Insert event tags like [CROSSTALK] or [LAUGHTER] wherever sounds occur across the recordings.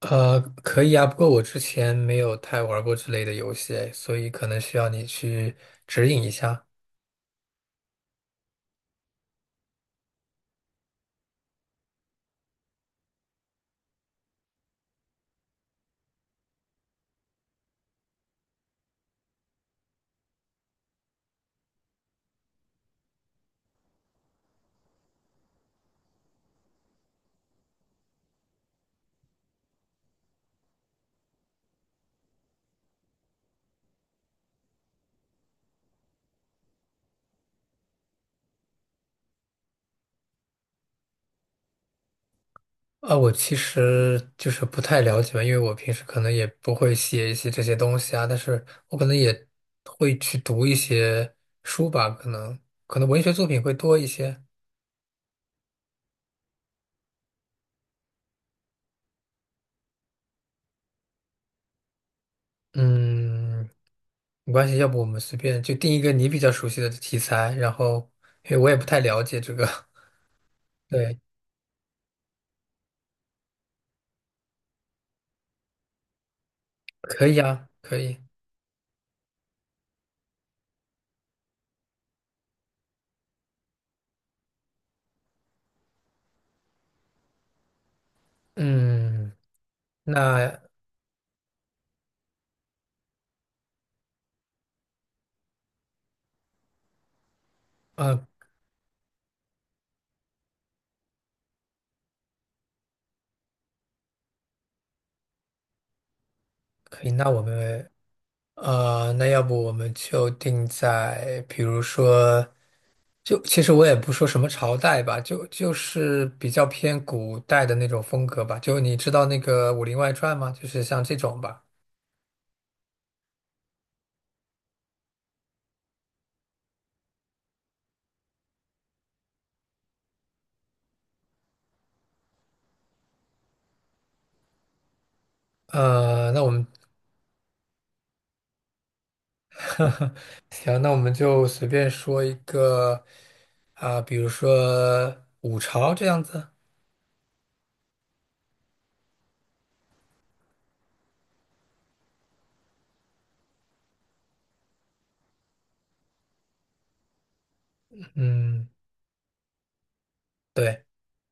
可以啊，不过我之前没有太玩过之类的游戏，所以可能需要你去指引一下。啊，我其实就是不太了解嘛，因为我平时可能也不会写一些这些东西啊，但是我可能也会去读一些书吧，可能文学作品会多一些。嗯，没关系，要不我们随便就定一个你比较熟悉的题材，然后因为我也不太了解这个。[LAUGHS] 对，可以啊，可以。嗯，那呃。可以，那我们那要不我们就定在，比如说，就其实我也不说什么朝代吧，就是比较偏古代的那种风格吧。就你知道那个《武林外传》吗？就是像这种吧。呃，那我们 [LAUGHS] 行，那我们就随便说一个啊，比如说五朝这样子。嗯，对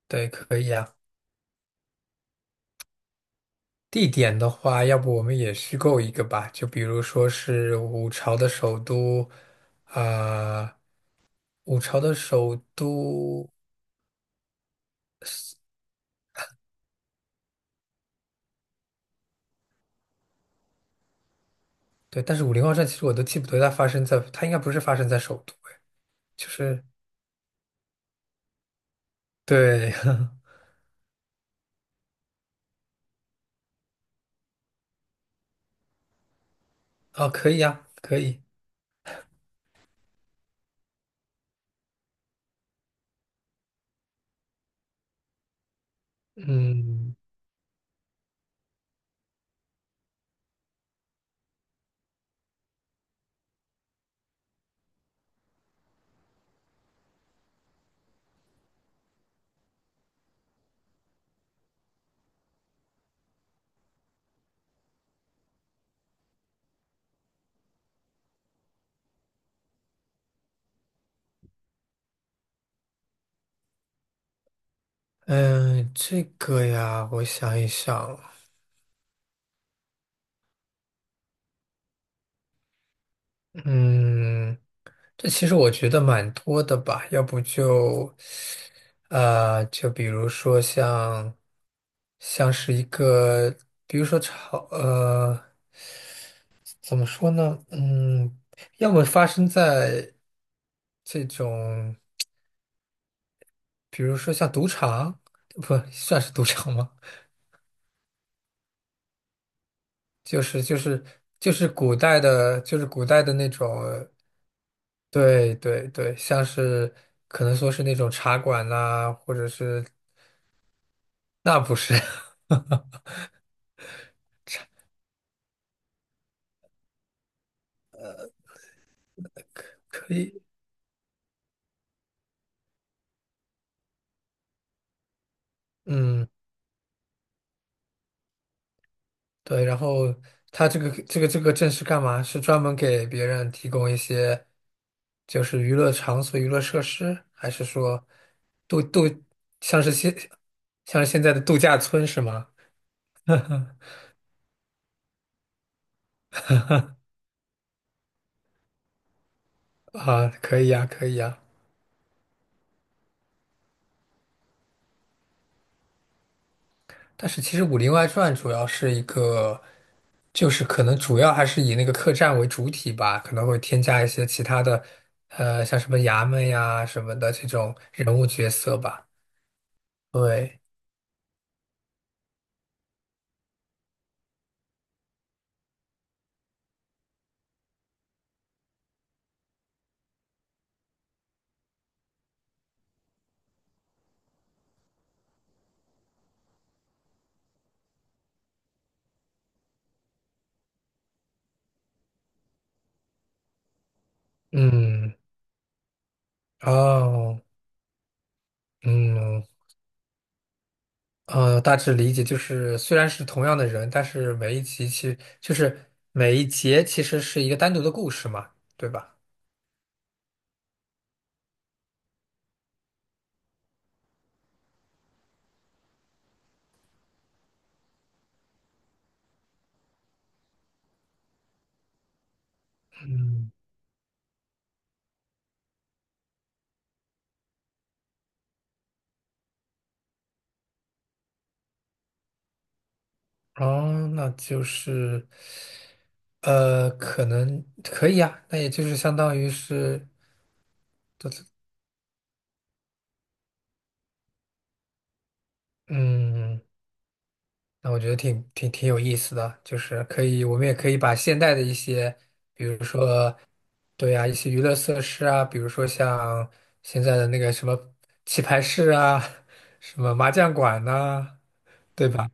对，可以啊。地点的话，要不我们也虚构一个吧，就比如说是五朝的首都，啊、五朝的首都，对，但是武林豪传其实我都记不得它发生在，它应该不是发生在首都，就是对。[LAUGHS] 哦，可以呀，可以，嗯嗯，这个呀，我想一想，嗯。这其实我觉得蛮多的吧，要不就，呃，就比如说像，像是一个，比如说炒，呃，怎么说呢？嗯，要么发生在这种，比如说像赌场，不算是赌场吗？就是就是就是古代的，就是古代的那种，对对对，像是可能说是那种茶馆啦、或者是那不是。[LAUGHS] 嗯。对，然后他这个证是干嘛？是专门给别人提供一些就是娱乐场所、娱乐设施，还是说度度像是现像是现在的度假村是吗？啊，可以呀，可以呀。但是其实《武林外传》主要是一个，就是可能主要还是以那个客栈为主体吧，可能会添加一些其他的，呃，像什么衙门呀什么的这种人物角色吧。对。嗯。哦。嗯呃，大致理解就是，虽然是同样的人，但是每一集其实就是每一节其实是一个单独的故事嘛，对吧？嗯。哦，那就是可能可以啊，那也就是相当于是嗯。那我觉得挺有意思的，就是可以，我们也可以把现代的一些，比如说，对啊，一些娱乐设施啊，比如说像现在的那个什么棋牌室啊，[LAUGHS] 什么麻将馆呐、对吧？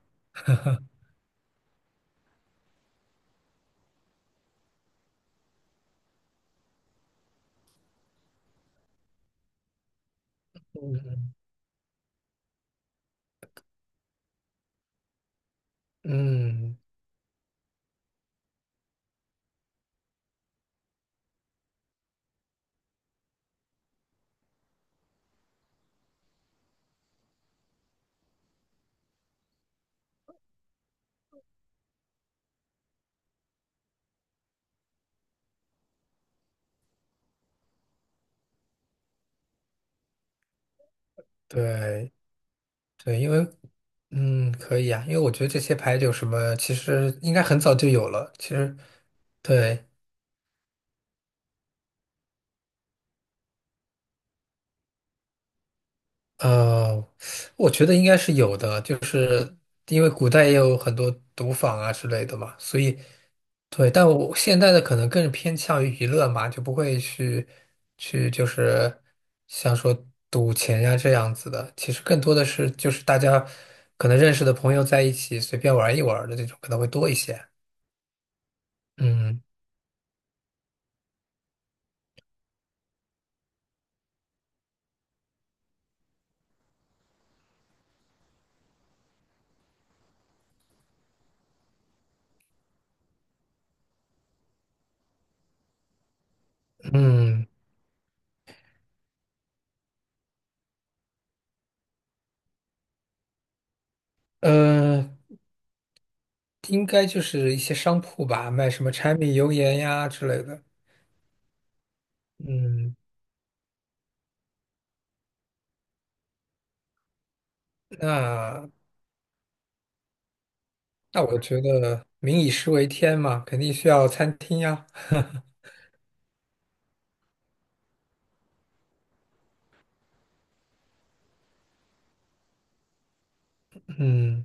嗯，对对，因为嗯可以啊，因为我觉得这些牌九什么，其实应该很早就有了，其实对。呃，我觉得应该是有的，就是因为古代也有很多赌坊啊之类的嘛，所以对，但我现在的可能更偏向于娱乐嘛，就不会去像说赌钱呀这样子的，其实更多的是就是大家可能认识的朋友在一起随便玩一玩儿的这种可能会多一些。嗯嗯呃，应该就是一些商铺吧，卖什么柴米油盐呀之类的。嗯，那。那我觉得民以食为天嘛，肯定需要餐厅呀。嗯，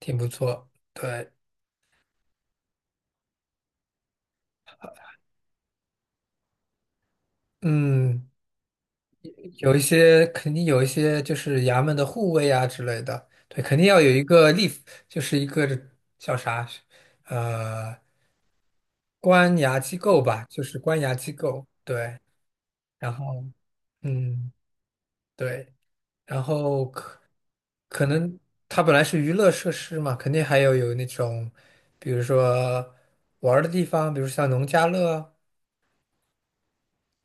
挺不错。对。嗯，有一些肯定有一些就是衙门的护卫啊之类的。对，肯定要有一个立，就是一个叫啥，呃，官衙机构吧，就是官衙机构。对，然后嗯，对。然后可能它本来是娱乐设施嘛，肯定还有那种，比如说玩儿的地方，比如像农家乐啊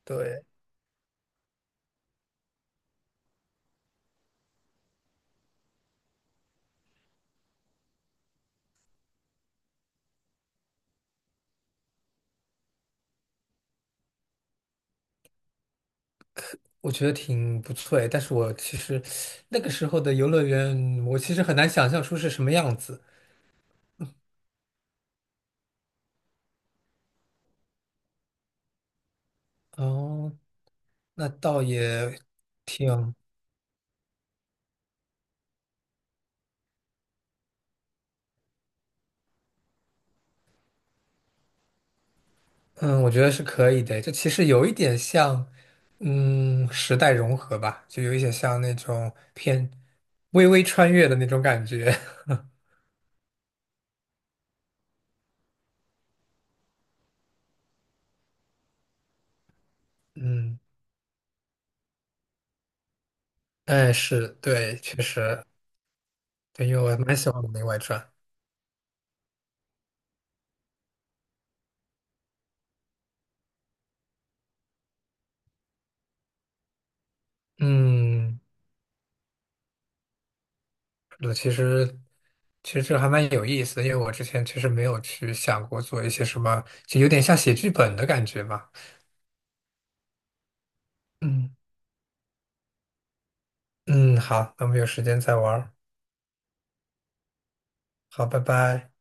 对，我觉得挺不错诶。但是我其实那个时候的游乐园，我其实很难想象出是什么样子。哦，那倒也挺，嗯，我觉得是可以的。这其实有一点像，嗯，时代融合吧，就有一点像那种偏微微穿越的那种感觉。[LAUGHS] 嗯。哎，是，对，确实，对，因为我还蛮喜欢《武林外传》。嗯，是的其实，其实这还蛮有意思的，因为我之前其实没有去想过做一些什么，就有点像写剧本的感觉嘛。嗯嗯，好，那我们有时间再玩儿好，拜拜。